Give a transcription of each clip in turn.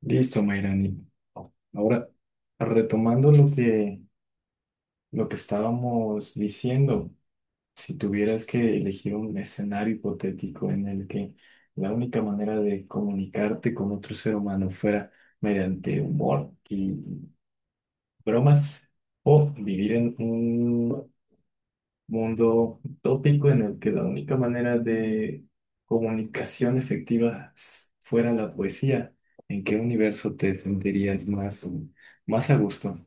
Listo, Mayrani. Ahora, retomando lo que estábamos diciendo, si tuvieras que elegir un escenario hipotético en el que la única manera de comunicarte con otro ser humano fuera mediante humor y bromas, o vivir en un mundo utópico en el que la única manera de comunicación efectiva fuera la poesía, ¿en qué universo te sentirías más a gusto?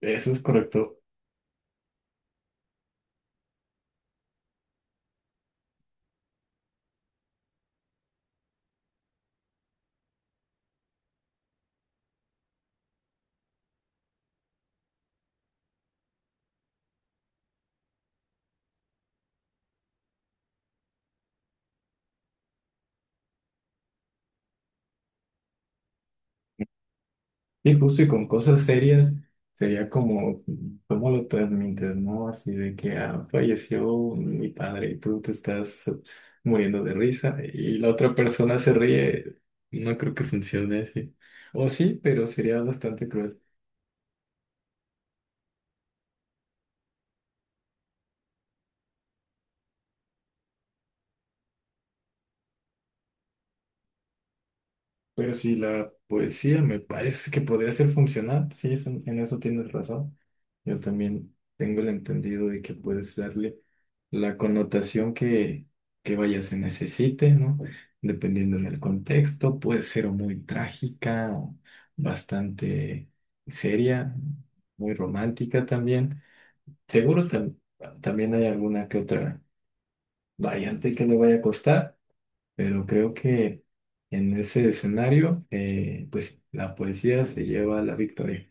Eso es correcto. Y justo y con cosas serias sería como, ¿cómo lo transmites, no? Así de que ah, falleció mi padre y tú te estás muriendo de risa y la otra persona se ríe. No creo que funcione así. O sí, pero sería bastante cruel. Pero si la poesía me parece que podría ser funcional, sí, es en eso tienes razón. Yo también tengo el entendido de que puedes darle la connotación que vaya se necesite, ¿no? Dependiendo del contexto, puede ser o muy trágica o bastante seria, muy romántica también. Seguro tam- También hay alguna que otra variante que le vaya a costar. Pero creo que en ese escenario, pues la poesía se lleva la victoria.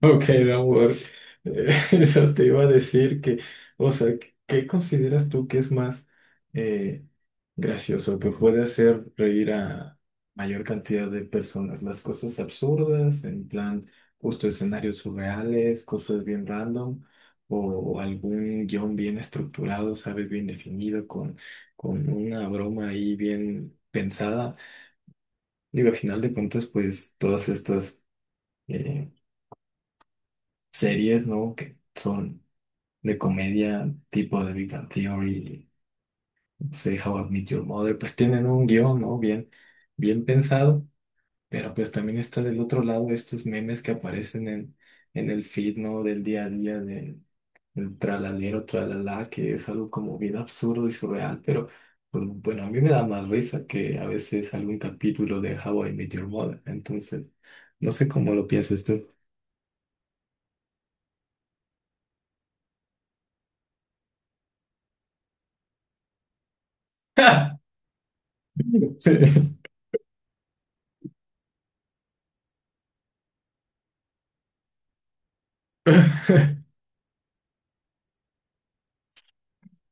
Ok, no, amor. Eso te iba a decir que, o sea, ¿qué consideras tú que es más eh, gracioso, que puede hacer reír a mayor cantidad de personas? Las cosas absurdas, en plan, justo escenarios surreales, cosas bien random, o algún guión bien estructurado, ¿sabes? Bien definido, con una broma ahí bien pensada. Digo, al final de cuentas, pues todas estas... eh, series, ¿no? Que son de comedia, tipo de Big Bang Theory, no sé, How I Met Your Mother, pues tienen un guión, ¿no? Bien pensado, pero pues también está del otro lado estos memes que aparecen en el feed, ¿no? Del día a día, del tralalero, tralala, que es algo como bien absurdo y surreal, pero pues, bueno, a mí me da más risa que a veces algún capítulo de How I Met Your Mother, entonces, no sé cómo lo piensas tú. Sí.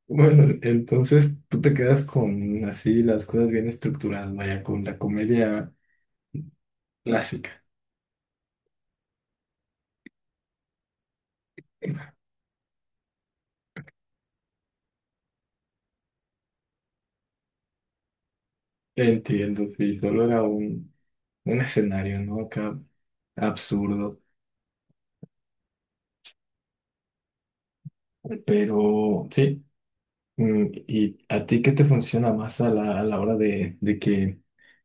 Bueno, entonces tú te quedas con así las cosas bien estructuradas, vaya, con la comedia clásica. Entiendo, sí, solo era un escenario, ¿no? Acá absurdo, pero sí. ¿Y a ti qué te funciona más a a la hora de que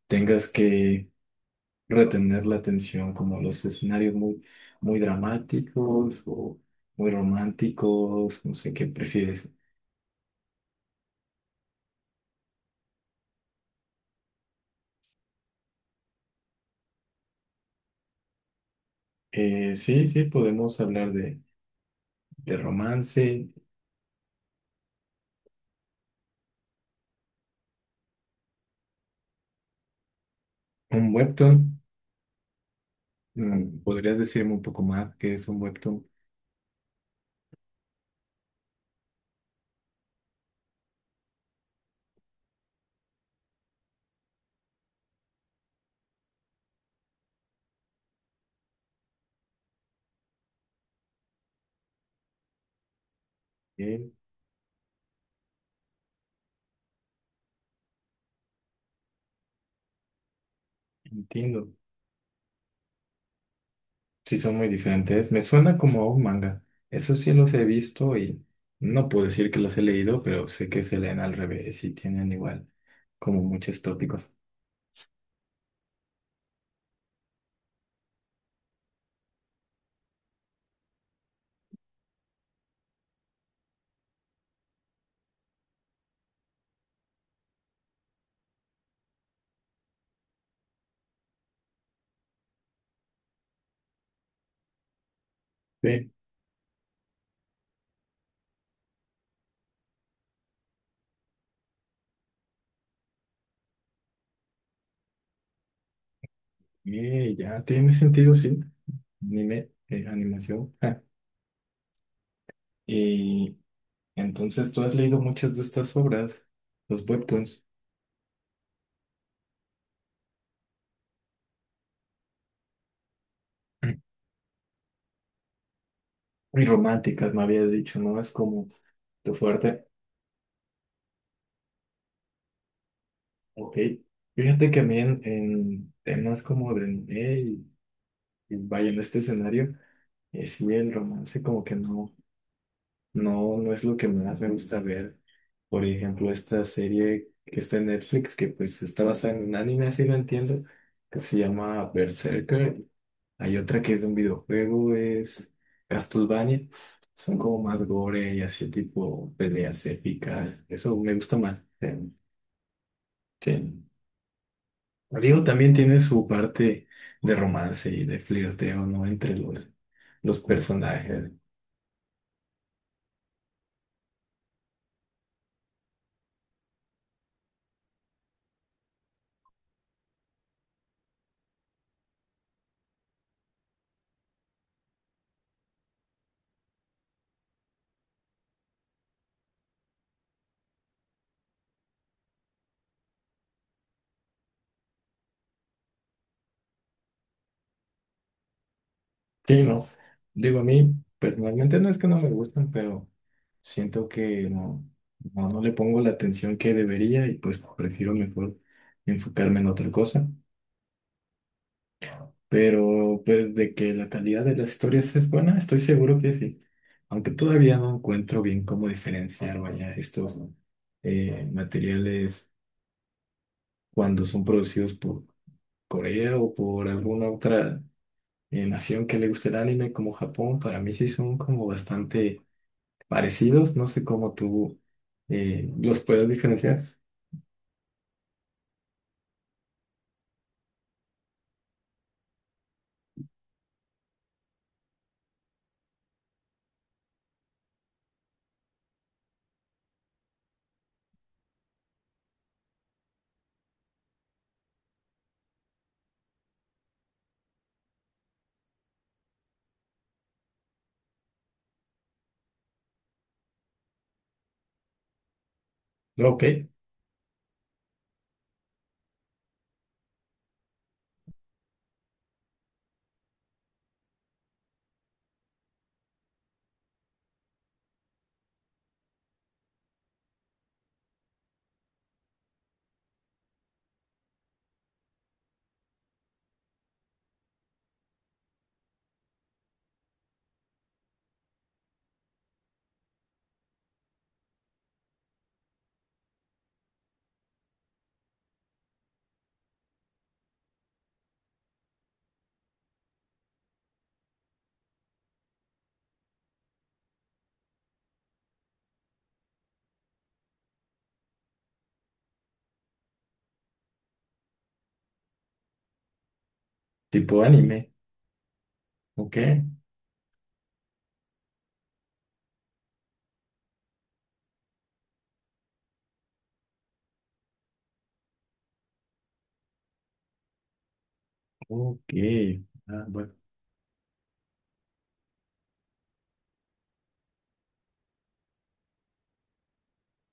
tengas que retener la atención, como los escenarios muy dramáticos o muy románticos? No sé qué prefieres. Sí, sí, podemos hablar de romance, un webtoon. ¿Podrías decirme un poco más qué es un webtoon? Eh, entiendo. Sí, son muy diferentes. Me suena como a un manga. Eso sí los he visto y no puedo decir que los he leído, pero sé que se leen al revés y tienen igual como muchos tópicos. Sí. Ya tiene sentido, sí. Anime, animación. Ja. Y entonces tú has leído muchas de estas obras, los webtoons. Y románticas, me había dicho, ¿no? Es como tu fuerte. Ok. Fíjate que a mí en temas como de anime y vaya en este escenario, sí, el romance como que no, no es lo que más me gusta ver. Por ejemplo, esta serie que está en Netflix, que pues está basada en un anime, así lo entiendo, que se llama Berserker. Hay otra que es de un videojuego, es Castlevania. Son como más gore y así tipo peleas épicas. Eso me gusta más. Sí. Sí. Digo, también tiene su parte de romance y de flirteo, ¿no? Entre los personajes. Sí, no. Digo, a mí personalmente no es que no me gustan, pero siento que no, no le pongo la atención que debería y pues prefiero mejor enfocarme en otra cosa. Pero pues de que la calidad de las historias es buena, estoy seguro que sí. Aunque todavía no encuentro bien cómo diferenciar, vaya, estos materiales cuando son producidos por Corea o por alguna otra nación que le guste el anime como Japón, para mí sí son como bastante parecidos. No sé cómo tú los puedes diferenciar. Ok, tipo anime. Ok, ok. Ah, bueno.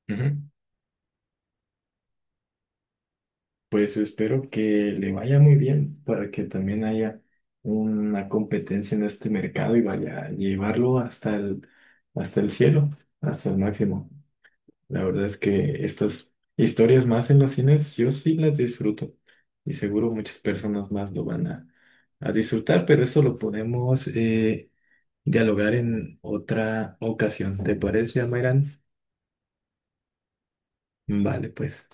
Ujú. Pues espero que le vaya muy bien para que también haya una competencia en este mercado y vaya a llevarlo hasta hasta el cielo, hasta el máximo. La verdad es que estas historias más en los cines yo sí las disfruto y seguro muchas personas más lo van a disfrutar, pero eso lo podemos dialogar en otra ocasión. ¿Te parece, Amairán? Vale, pues.